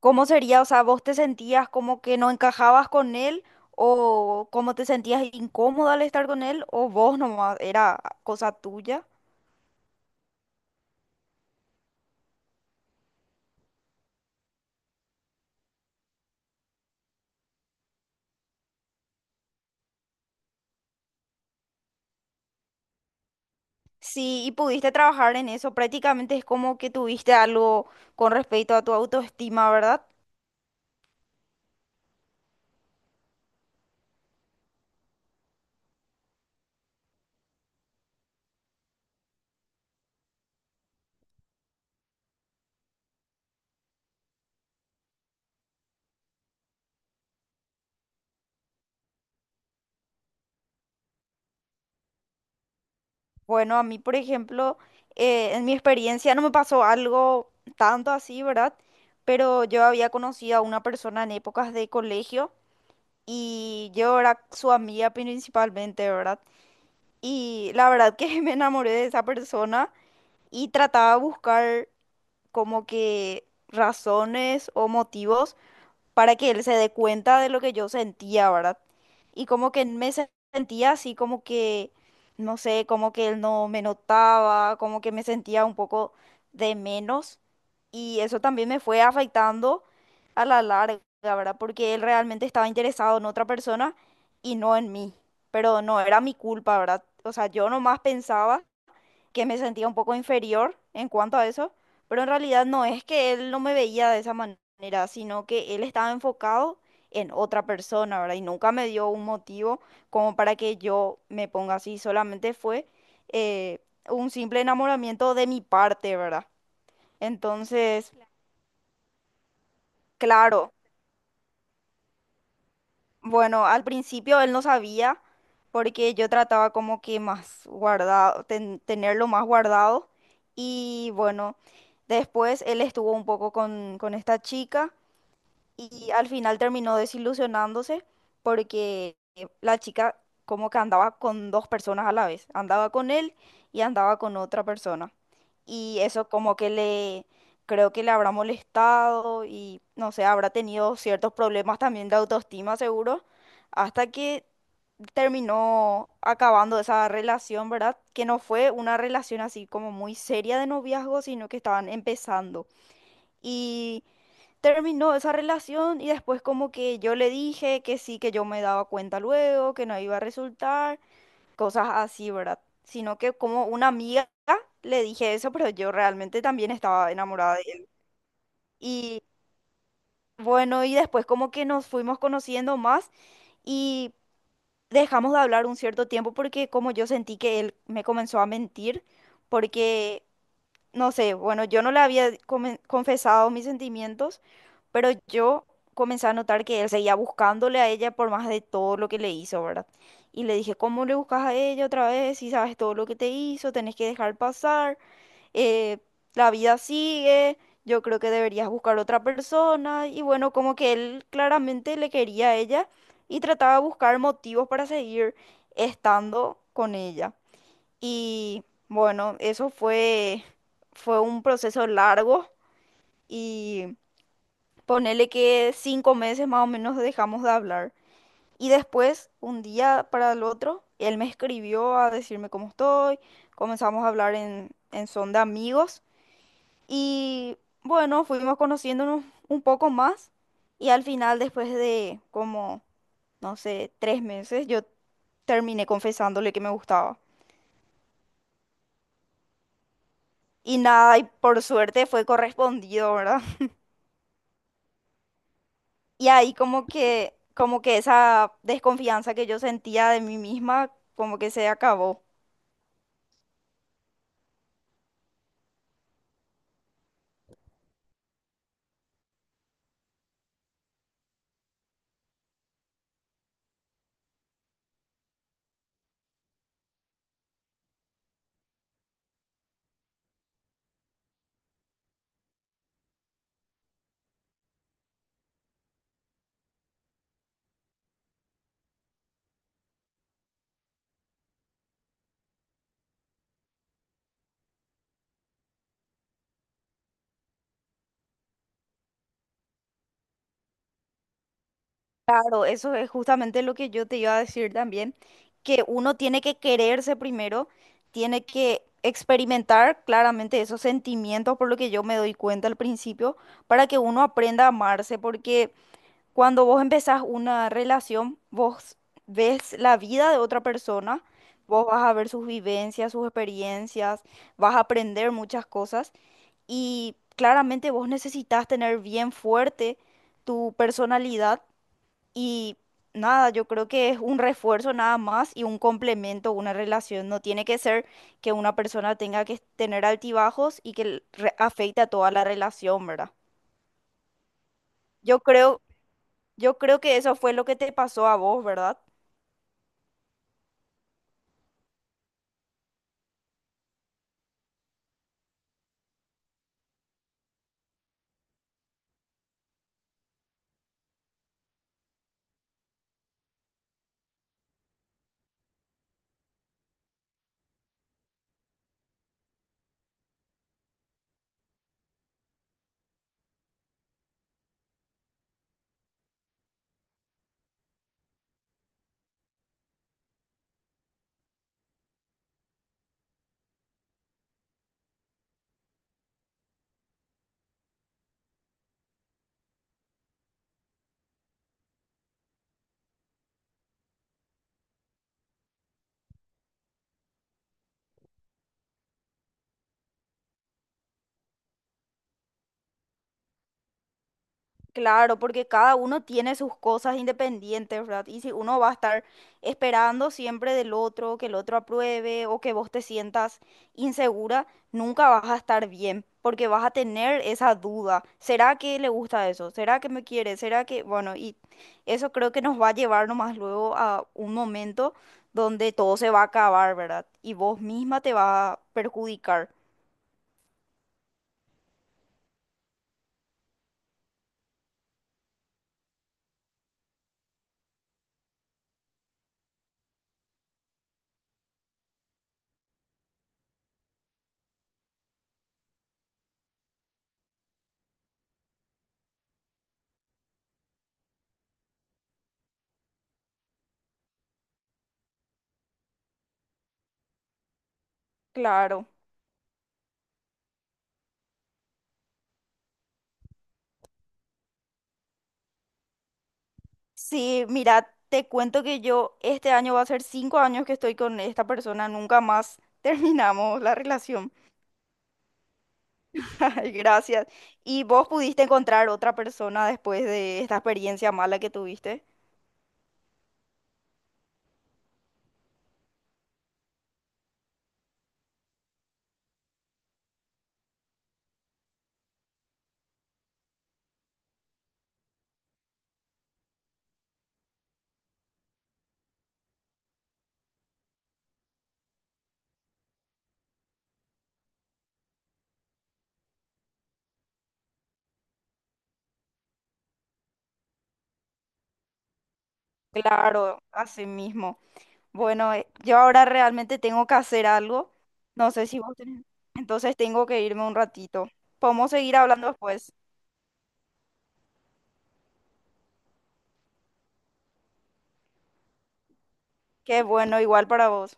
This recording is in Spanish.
¿Cómo sería? O sea, ¿vos te sentías como que no encajabas con él? ¿O cómo te sentías incómoda al estar con él? ¿O vos nomás era cosa tuya? Sí, y pudiste trabajar en eso. Prácticamente es como que tuviste algo con respecto a tu autoestima, ¿verdad? Bueno, a mí, por ejemplo, en mi experiencia no me pasó algo tanto así, ¿verdad? Pero yo había conocido a una persona en épocas de colegio y yo era su amiga principalmente, ¿verdad? Y la verdad que me enamoré de esa persona y trataba de buscar como que razones o motivos para que él se dé cuenta de lo que yo sentía, ¿verdad? Y como que sentía así, como que, no sé, como que él no me notaba, como que me sentía un poco de menos. Y eso también me fue afectando a la larga, ¿verdad? Porque él realmente estaba interesado en otra persona y no en mí. Pero no era mi culpa, ¿verdad? O sea, yo nomás pensaba que me sentía un poco inferior en cuanto a eso, pero en realidad no es que él no me veía de esa manera, sino que él estaba enfocado en otra persona, ¿verdad? Y nunca me dio un motivo como para que yo me ponga así, solamente fue eh, un simple enamoramiento de mi parte, ¿verdad? Entonces, claro, bueno, al principio él no sabía porque yo trataba como que más guardado, tenerlo más guardado. Y bueno, después él estuvo un poco con esta chica y al final terminó desilusionándose porque la chica como que andaba con dos personas a la vez, andaba con él y andaba con otra persona. Y eso como que creo que le habrá molestado y no sé, habrá tenido ciertos problemas también de autoestima seguro, hasta que terminó acabando esa relación, ¿verdad? Que no fue una relación así como muy seria de noviazgo, sino que estaban empezando y terminó esa relación y después como que yo le dije que sí, que yo me daba cuenta luego, que no iba a resultar, cosas así, ¿verdad? Sino que como una amiga le dije eso, pero yo realmente también estaba enamorada de él. Y bueno, y después como que nos fuimos conociendo más y dejamos de hablar un cierto tiempo porque como yo sentí que él me comenzó a mentir, porque no sé, bueno, yo no le había confesado mis sentimientos, pero yo comencé a notar que él seguía buscándole a ella por más de todo lo que le hizo, ¿verdad? Y le dije, ¿cómo le buscas a ella otra vez? Si sabes todo lo que te hizo, tenés que dejar pasar, eh, la vida sigue, yo creo que deberías buscar otra persona. Y bueno, como que él claramente le quería a ella y trataba de buscar motivos para seguir estando con ella. Y bueno, fue un proceso largo y ponele que 5 meses más o menos dejamos de hablar. Y después, un día para el otro, él me escribió a decirme cómo estoy, comenzamos a hablar en son de amigos y bueno, fuimos conociéndonos un poco más y al final, después de como, no sé, 3 meses, yo terminé confesándole que me gustaba. Y nada, y por suerte fue correspondido, ¿verdad? Y ahí como que esa desconfianza que yo sentía de mí misma, como que se acabó. Claro, eso es justamente lo que yo te iba a decir también, que uno tiene que quererse primero, tiene que experimentar claramente esos sentimientos, por lo que yo me doy cuenta al principio, para que uno aprenda a amarse, porque cuando vos empezás una relación, vos ves la vida de otra persona, vos vas a ver sus vivencias, sus experiencias, vas a aprender muchas cosas y claramente vos necesitas tener bien fuerte tu personalidad y nada, yo creo que es un refuerzo nada más y un complemento, una relación. No tiene que ser que una persona tenga que tener altibajos y que afecte a toda la relación, ¿verdad? Yo creo, yo creo que eso fue lo que te pasó a vos, ¿verdad? Claro, porque cada uno tiene sus cosas independientes, ¿verdad? Y si uno va a estar esperando siempre del otro, que el otro apruebe o que vos te sientas insegura, nunca vas a estar bien, porque vas a tener esa duda. ¿Será que le gusta eso? ¿Será que me quiere? ¿Será que...? Bueno, y eso creo que nos va a llevar nomás luego a un momento donde todo se va a acabar, ¿verdad? Y vos misma te va a perjudicar. Claro. Sí, mira, te cuento que yo este año va a ser 5 años que estoy con esta persona, nunca más terminamos la relación. Ay, gracias. ¿Y vos pudiste encontrar otra persona después de esta experiencia mala que tuviste? Claro, así mismo. Bueno, yo ahora realmente tengo que hacer algo. No sé si vos tenés. Entonces tengo que irme un ratito. Podemos seguir hablando después. Qué bueno, igual para vos.